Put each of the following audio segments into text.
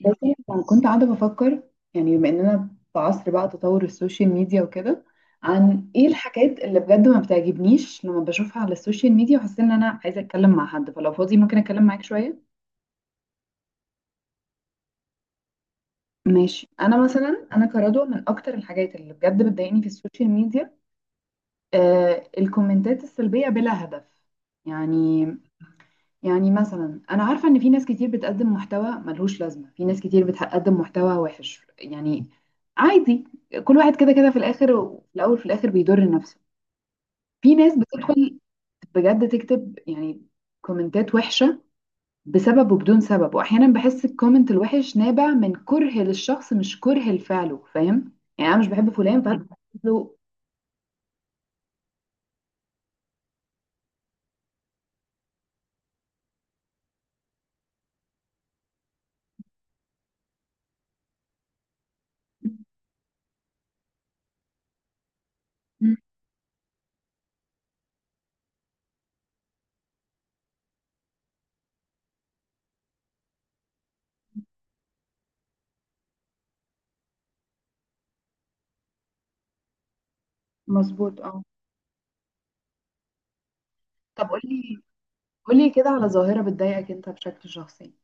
بس، يعني كنت قاعدة بفكر، يعني بما اننا في عصر بقى تطور السوشيال ميديا وكده، عن ايه الحاجات اللي بجد ما بتعجبنيش لما بشوفها على السوشيال ميديا، وحاسة ان انا عايزة اتكلم مع حد، فلو فاضي ممكن اتكلم معاك شوية. ماشي، انا مثلا انا كرضوى، من اكتر الحاجات اللي بجد بتضايقني في السوشيال ميديا، آه الكومنتات السلبية بلا هدف، يعني يعني مثلا انا عارفه ان في ناس كتير بتقدم محتوى ملهوش لازمه، في ناس كتير بتقدم محتوى وحش، يعني عادي. كل واحد كده كده في الاخر، وفي الاول في الاخر بيضر نفسه. في ناس بتدخل بجد تكتب يعني كومنتات وحشه، بسبب وبدون سبب، واحيانا بحس الكومنت الوحش نابع من كره للشخص، مش كره لفعله، فاهم؟ يعني انا مش بحب فلان فانا له. مظبوط، اه. طب قولي، قولي كده على ظاهره بتضايقك انت بشكل شخصي؟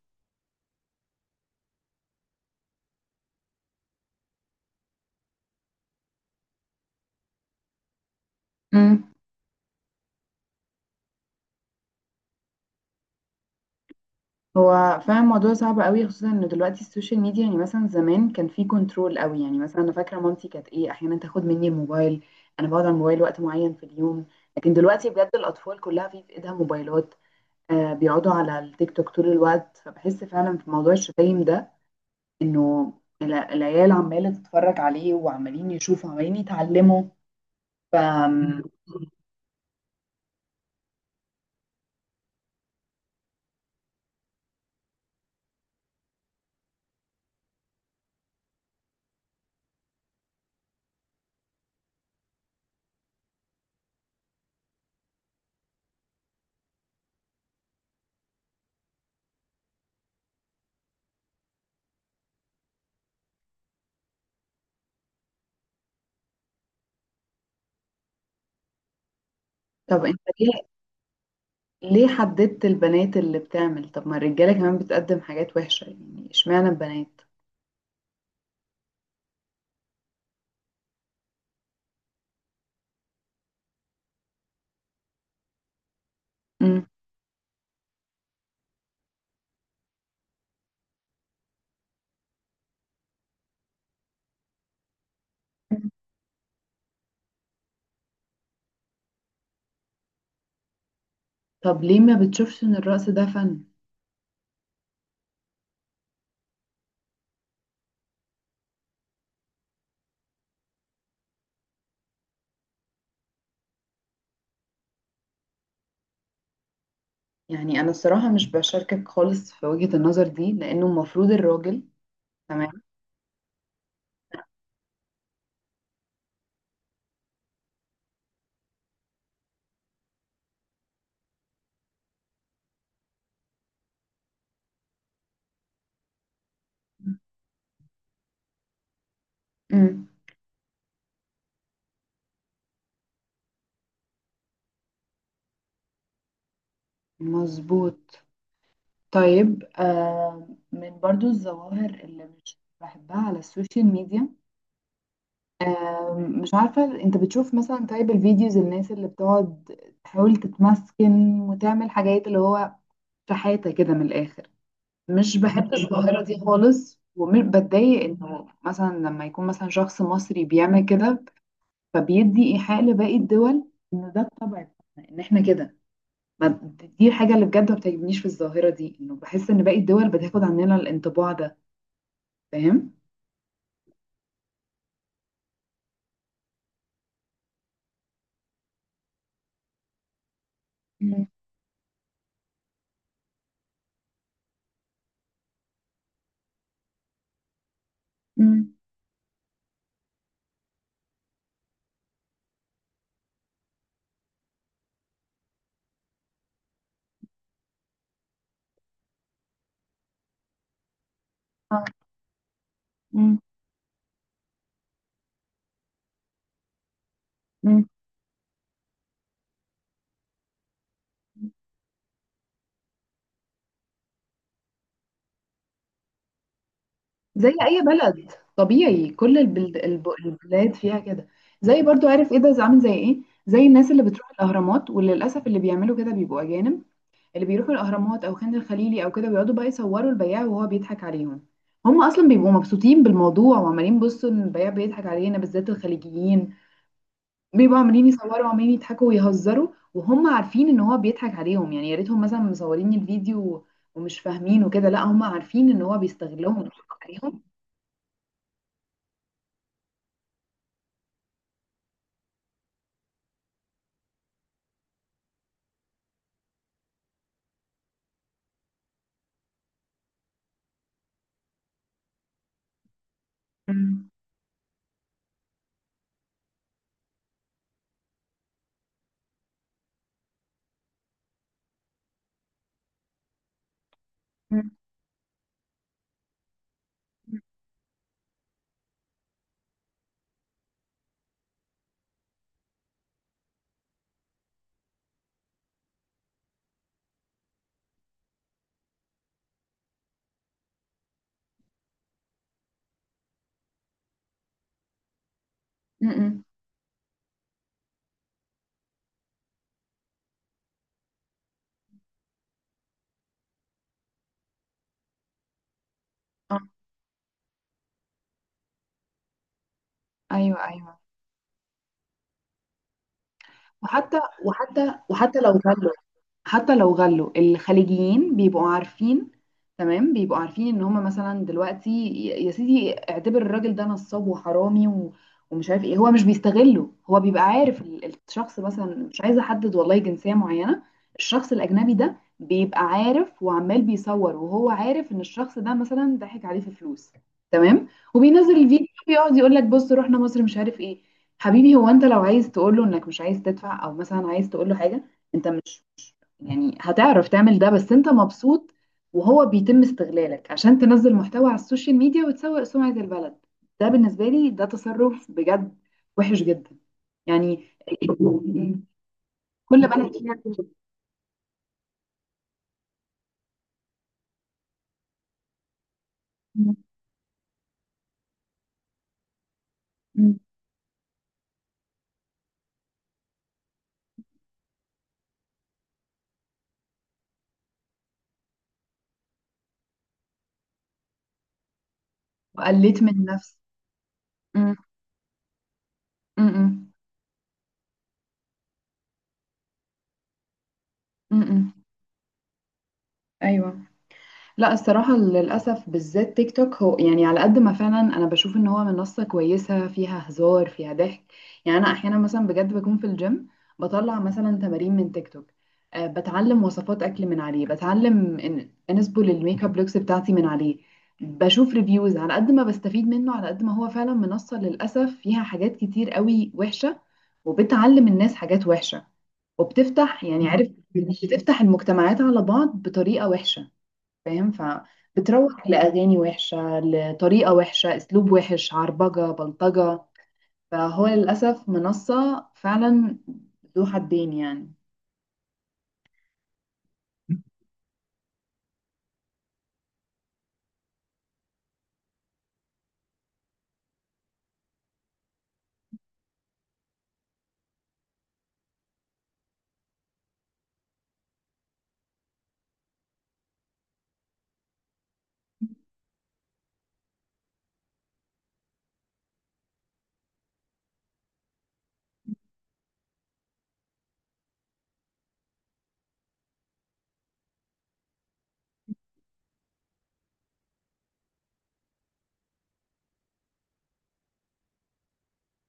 هو فعلا الموضوع صعب قوي، خصوصا ان دلوقتي السوشيال ميديا، يعني مثلا زمان كان في كنترول قوي، يعني مثلا انا فاكره مامتي كانت ايه احيانا تاخد مني الموبايل. انا بقعد على الموبايل وقت معين في اليوم. لكن دلوقتي بجد الاطفال كلها في ايدها موبايلات. آه، بيقعدوا على التيك توك طول الوقت، فبحس فعلا في موضوع الشتايم ده، انه العيال عماله تتفرج عليه، وعمالين يشوفوا عمالين يتعلموا. ف طب انت ليه حددت البنات اللي بتعمل؟ طب ما الرجاله كمان بتقدم حاجات وحشه، يعني اشمعنى البنات؟ طب ليه ما بتشوفش ان الرقص ده فن؟ يعني انا الصراحة مش بشاركك خالص في وجهة النظر دي، لانه المفروض الراجل. تمام. مم. مظبوط. طيب، من برضو الظواهر اللي مش بحبها على السوشيال ميديا، آه مش عارفة، انت بتشوف مثلا طيب الفيديوز، الناس اللي بتقعد تحاول تتمسكن وتعمل حاجات اللي هو شحاتة كده من الاخر. مش بحب الظاهرة دي خالص، وبتضايق انه مثلا لما يكون مثلا شخص مصري بيعمل كده، فبيدي ايحاء لباقي الدول ان ده الطبع بتاعنا، ان احنا كده. ما- دي الحاجة اللي بجد ما بتعجبنيش في الظاهرة دي، انه بحس ان باقي الدول بتاخد عننا الانطباع ده. فاهم؟ مم. مم. آه. مم. مم. زي اي بلد، طبيعي كل البلد، البلاد فيها كده، زي برضو، عارف ايه ده، عامل زي ايه، زي الناس اللي بتروح الاهرامات، وللاسف اللي بيعملوا كده بيبقوا اجانب، اللي بيروحوا الاهرامات او خان الخليلي او كده بيقعدوا بقى يصوروا البياع وهو بيضحك عليهم. هم اصلا بيبقوا مبسوطين بالموضوع، وعمالين بصوا ان البياع بيضحك علينا، بالذات الخليجيين، بيبقوا عمالين يصوروا وعمالين يضحكوا ويهزروا. وهم عارفين ان هو بيضحك عليهم، يعني يا ريتهم مثلا مصورين الفيديو ومش فاهمين وكده، لا، هم عارفين ان هو بيستغلهم وبيضحك عليهم. أمم. أمم. أمم. آه. ايوه، ايوه، وحتى وحتى وحتى لو غلوا حتى لو غلوا الخليجيين بيبقوا عارفين، تمام، بيبقوا عارفين ان هم مثلا دلوقتي يا سيدي، اعتبر الراجل ده نصاب وحرامي ومش عارف ايه، هو مش بيستغله، هو بيبقى عارف الشخص، مثلا مش عايزه احدد والله جنسيه معينه. الشخص الاجنبي ده بيبقى عارف وعمال بيصور، وهو عارف ان الشخص ده مثلا ضحك عليه في فلوس. تمام. وبينزل الفيديو بيقعد يقول لك: بص، رحنا مصر، مش عارف ايه. حبيبي، هو انت لو عايز تقول له انك مش عايز تدفع، او مثلا عايز تقول له حاجه انت، يعني هتعرف تعمل ده، بس انت مبسوط، وهو بيتم استغلالك عشان تنزل محتوى على السوشيال ميديا وتسوق سمعة البلد. ده بالنسبة لي ده تصرف بجد وحش جدا، يعني. كل بلد فيها. قلت من نفس. م- م- م- م- م. ايوه. لا، الصراحة للأسف بالذات تيك توك هو، يعني على قد ما فعلا أنا بشوف إن هو منصة كويسة فيها هزار فيها ضحك، يعني أنا أحيانا مثلا بجد بكون في الجيم، بطلع مثلا تمارين من تيك توك، أه، بتعلم وصفات أكل من عليه، بتعلم إن أنسبل الميك اب لوكس بتاعتي من عليه، بشوف ريفيوز، على قد ما بستفيد منه، على قد ما هو فعلا منصة للأسف فيها حاجات كتير قوي وحشة، وبتعلم الناس حاجات وحشة، وبتفتح يعني عارف، بتفتح المجتمعات على بعض بطريقة وحشة، فاهم؟ فبتروح لأغاني وحشة، لطريقة وحشة، أسلوب وحش، عربجة، بلطجة، فهو للأسف منصة فعلا ذو حدين، يعني.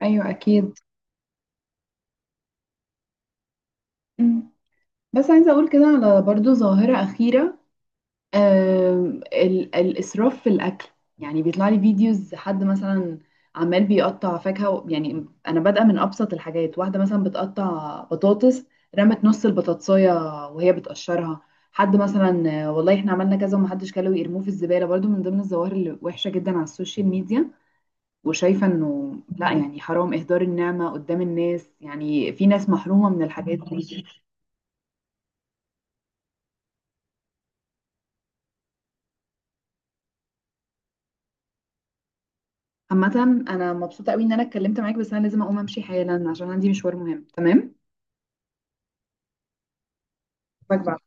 ايوه، اكيد. مم. بس عايزة أقول كده على برضو ظاهرة أخيرة، الإسراف في الأكل، يعني بيطلع لي فيديوز حد مثلا عمال بيقطع فاكهة يعني أنا بادئة من أبسط الحاجات، واحدة مثلا بتقطع بطاطس، رمت نص البطاطساية وهي بتقشرها، حد مثلا والله احنا عملنا كذا ومحدش كله يرموه في الزبالة، برضو من ضمن الظواهر اللي وحشة جدا على السوشيال ميديا، وشايفة انه لا، يعني حرام إهدار النعمة قدام الناس، يعني في ناس محرومة من الحاجات دي. عامة أنا مبسوطة أوي إن أنا اتكلمت معاك، بس أنا لازم أقوم أمشي حالا عشان عندي مشوار مهم. تمام؟ باي باي.